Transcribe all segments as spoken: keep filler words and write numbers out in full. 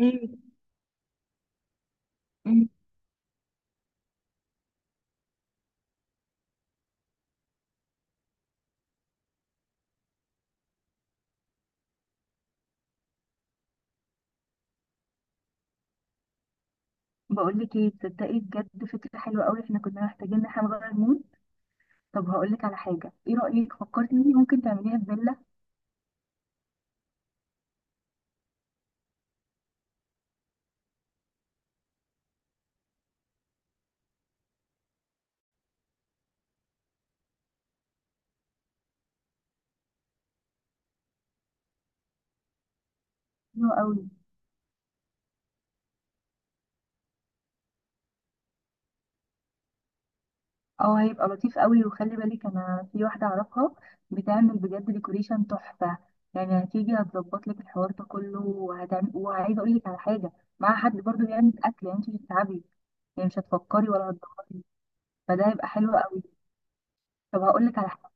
ايه؟ إيه؟ بقول لك ايه، تصدقي بجد فكره حلوه قوي. احنا كنا محتاجين ان احنا نغير مود. طب هقول لك على حاجه، ايه رايك فكرتي ان ممكن تعمليها في فيلا؟ حلوه قوي. اه، هيبقى لطيف قوي. وخلي بالك انا في واحده اعرفها بتعمل بجد ديكوريشن تحفه. يعني هتيجي هتظبط لك الحوار ده كله وهتعمل، وعايزه اقول لك على حاجه، مع حد برضو بيعمل اكل، يعني انت مش هتتعبي. يعني مش هتفكري ولا هتدوري. فده هيبقى حلو قوي. طب هقول لك على حاجه.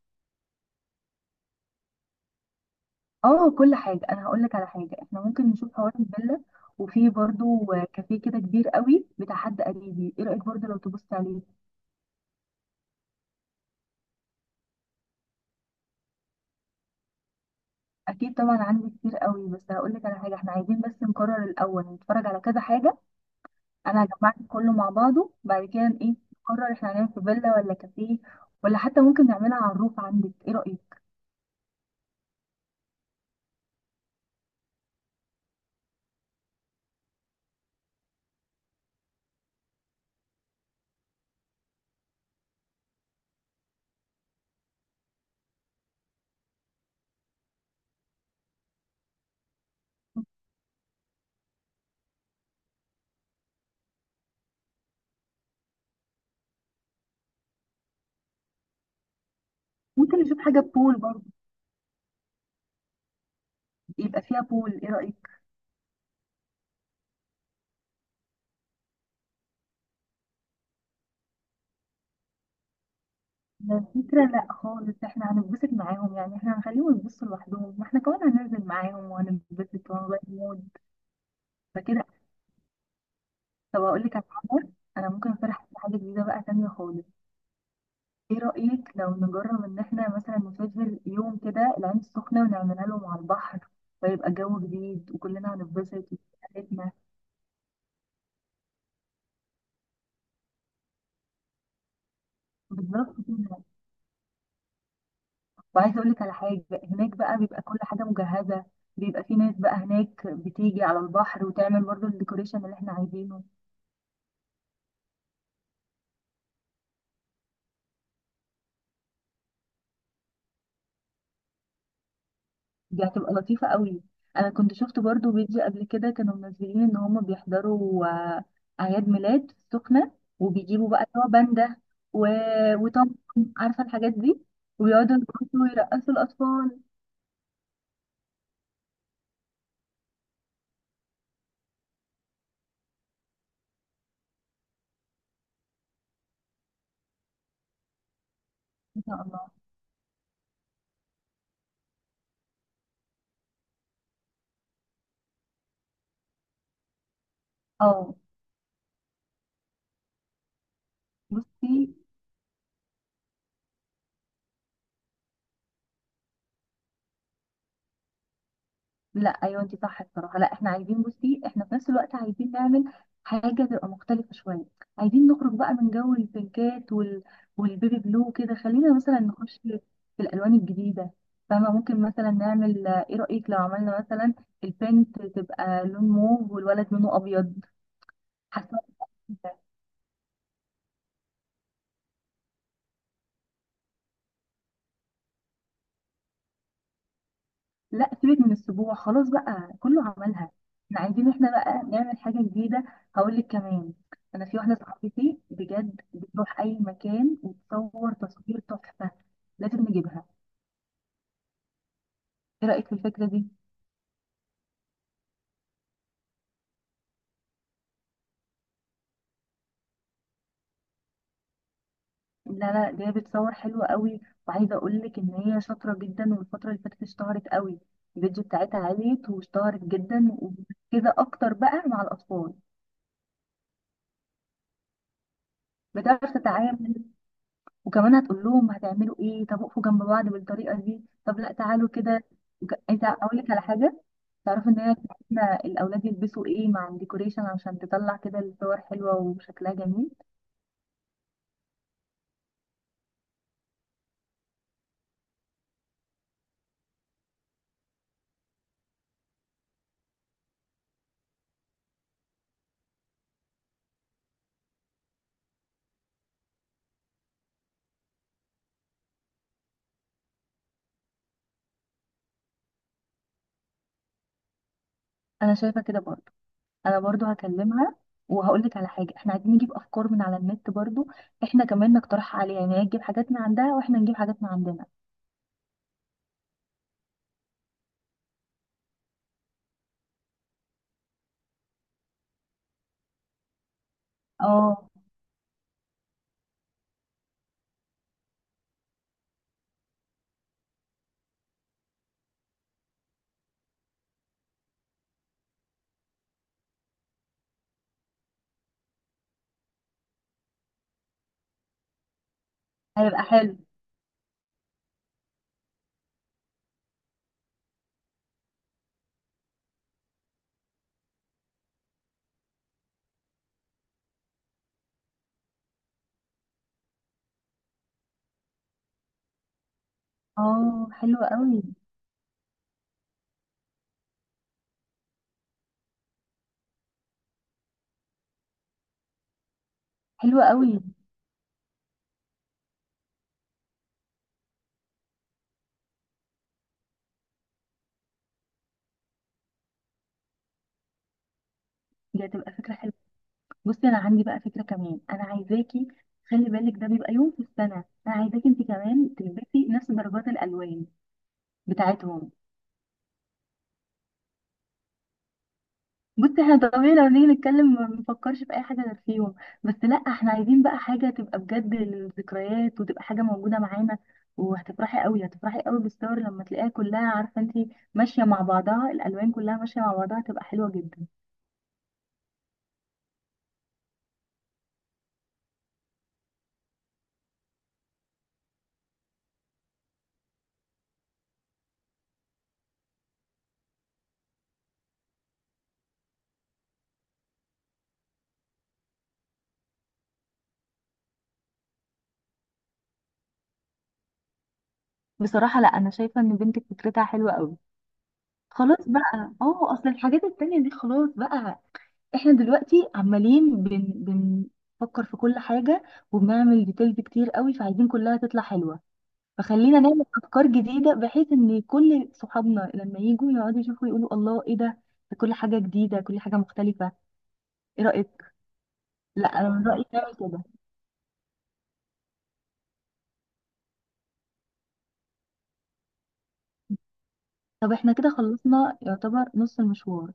اه كل حاجة، انا هقول لك على حاجة. احنا ممكن نشوف حوار الفيلا، وفي برضو كافيه كده كبير قوي بتاع حد قريبي. ايه رأيك برضو لو تبص عليه؟ اكيد طبعا عندي كتير قوي، بس هقول لك على حاجة، احنا عايزين بس نقرر الاول، نتفرج على كذا حاجة. انا هجمعك كله مع بعضه بعد كده، ايه. نقرر احنا هنعمل في فيلا ولا كافيه، ولا حتى ممكن نعملها على الروف. عندك ايه رأيك؟ ممكن نشوف حاجة بول برضو. يبقى فيها بول، ايه رأيك؟ الفكرة لا خالص، احنا هنتبسط معاهم. يعني احنا هنخليهم يبصوا لوحدهم، ما احنا كمان هننزل معاهم وهنتبسط وهنغير مود. فكده. طب اقول لك على حاجة، انا ممكن اقترح حاجة جديدة بقى تانية خالص. ايه رأيك لو نجرب ان احنا مثلا نسافر يوم كده العين السخنة ونعملها لهم على البحر؟ فيبقى جو جديد وكلنا هنتبسط وحياتنا. بالظبط كده. وعايزة اقول لك على حاجة، هناك بقى بيبقى كل حاجة مجهزة. بيبقى في ناس بقى هناك بتيجي على البحر وتعمل برضو الديكوريشن اللي احنا عايزينه. دي هتبقى لطيفة قوي. انا كنت شفت برضو فيديو قبل كده، كانوا منزلين ان هم بيحضروا آه، اعياد ميلاد في السخنة. وبيجيبوا بقى اللي هو باندا و... وطم، عارفة الحاجات دي. وبيقعدوا يرقصوا يرقصوا الاطفال. ما شاء الله. اه، بصي، لا ايوه انت صح الصراحه. لا احنا عايزين، بصي احنا في نفس الوقت عايزين نعمل حاجه تبقى مختلفه شويه. عايزين نخرج بقى من جو البينكات وال... والبيبي بلو. كده خلينا مثلا نخش في الالوان الجديده، فاهمه؟ ممكن مثلا نعمل، ايه رايك لو عملنا مثلا البنت تبقى لون موف والولد لونه ابيض؟ حاسه. لا سيبك من السبوع خلاص بقى، كله عملها. احنا عايزين احنا بقى نعمل حاجة جديدة. هقول لك كمان، انا في واحدة صاحبتي بجد بتروح اي مكان وتصور تصوير تحفة. لازم نجيبها. ايه رأيك في الفكرة دي؟ لا لا دي بتصور حلوة قوي. وعايزة اقول لك ان هي شاطرة جدا، والفترة اللي فاتت اشتهرت قوي. الفيديو بتاعتها عالية واشتهرت جدا وكده، اكتر بقى مع الاطفال. بتعرف تتعامل، وكمان هتقول لهم هتعملوا ايه، طب اقفوا جنب بعض بالطريقه دي، طب لا تعالوا كده. وك- انت اقول لك على حاجه، تعرفوا ان هي بتاعتنا الاولاد يلبسوا ايه مع الديكوريشن عشان تطلع كده الصور حلوه وشكلها جميل. انا شايفه كده برضو. انا برضو هكلمها. وهقول لك على حاجه، احنا عايزين نجيب افكار من على النت برضو. احنا كمان نقترح عليها يعني، هي تجيب حاجات من عندها واحنا نجيب حاجات من عندنا. اه هيبقى حلو. اه حلوه قوي. حلوه قوي. دي هتبقى فكره حلوه. بصي انا عندي بقى فكره كمان، انا عايزاكي، خلي بالك ده بيبقى يوم في السنه، انا عايزاكي انت كمان تلبسي نفس درجات الالوان بتاعتهم. بصي احنا طبيعي لو نيجي نتكلم ما بنفكرش في اي حاجه غير فيهم، بس لا احنا عايزين بقى حاجه تبقى بجد للذكريات وتبقى حاجه موجوده معانا. وهتفرحي قوي، هتفرحي قوي بالصور لما تلاقيها كلها عارفه انت ماشيه مع بعضها، الالوان كلها ماشيه مع بعضها، هتبقى حلوه جدا. بصراحه لا انا شايفه ان بنتك فكرتها حلوه قوي. خلاص بقى، اه اصل الحاجات التانية دي خلاص بقى. احنا دلوقتي عمالين بن... بنفكر في كل حاجة وبنعمل ديتيلز كتير قوي، فعايزين كلها تطلع حلوة. فخلينا نعمل افكار جديدة بحيث ان كل صحابنا لما يجوا يقعدوا يشوفوا يقولوا الله ايه ده، ده كل حاجة جديدة كل حاجة مختلفة. ايه رأيك؟ لا انا من رأيي نعمل كده. طب احنا كده خلصنا يعتبر نص المشوار.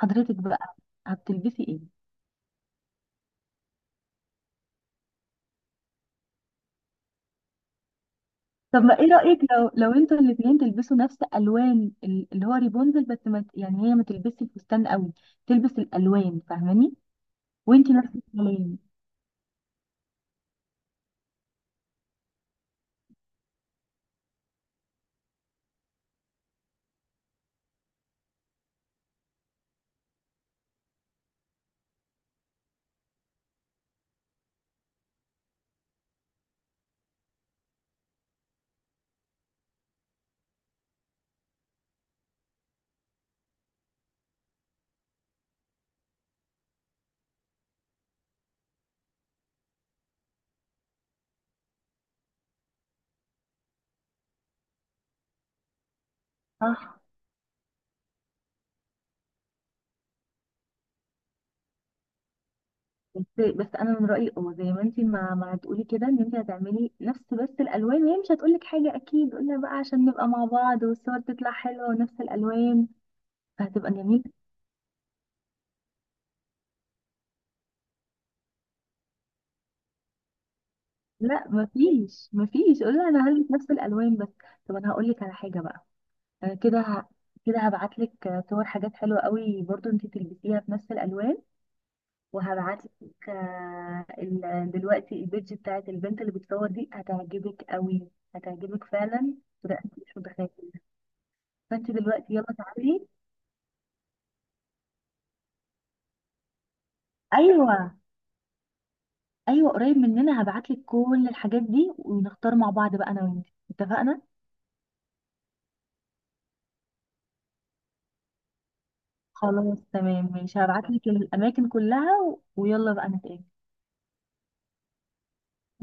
حضرتك بقى هتلبسي ايه؟ طب ما ايه رأيك لو لو انتوا الاتنين تلبسوا نفس الوان ال- اللي هو ريبونزل، بس ما ت- يعني هي ما تلبسش الفستان قوي، تلبس الالوان، فاهماني؟ وانتي نفس الكلام. صح. بس بس انا من رايي، اه زي ما انتي ما ما تقولي كده، ان انتي هتعملي نفس بس الالوان، وهي مش هتقولك حاجه اكيد. قلنا بقى عشان نبقى مع بعض والصور تطلع حلوه ونفس الالوان، فهتبقى جميله. لا مفيش، مفيش. قولي انا هلبس نفس الالوان بس. طب انا هقولك على حاجه بقى، انا كده ه... كده هبعتلك صور حاجات حلوه قوي برضو انتي تلبسيها في نفس الالوان. وهبعت لك آه، ال- دلوقتي البيج بتاعت البنت اللي بتصور دي هتعجبك قوي، هتعجبك فعلا. لا انت مش متخيله. فانت دلوقتي يلا تعالي. ايوه. ايوه قريب مننا، هبعتلك كل الحاجات دي ونختار مع بعض بقى انا وانت، اتفقنا؟ خلاص تمام ماشي، هبعتلك الاماكن كلها، و... ويلا بقى نتقابل.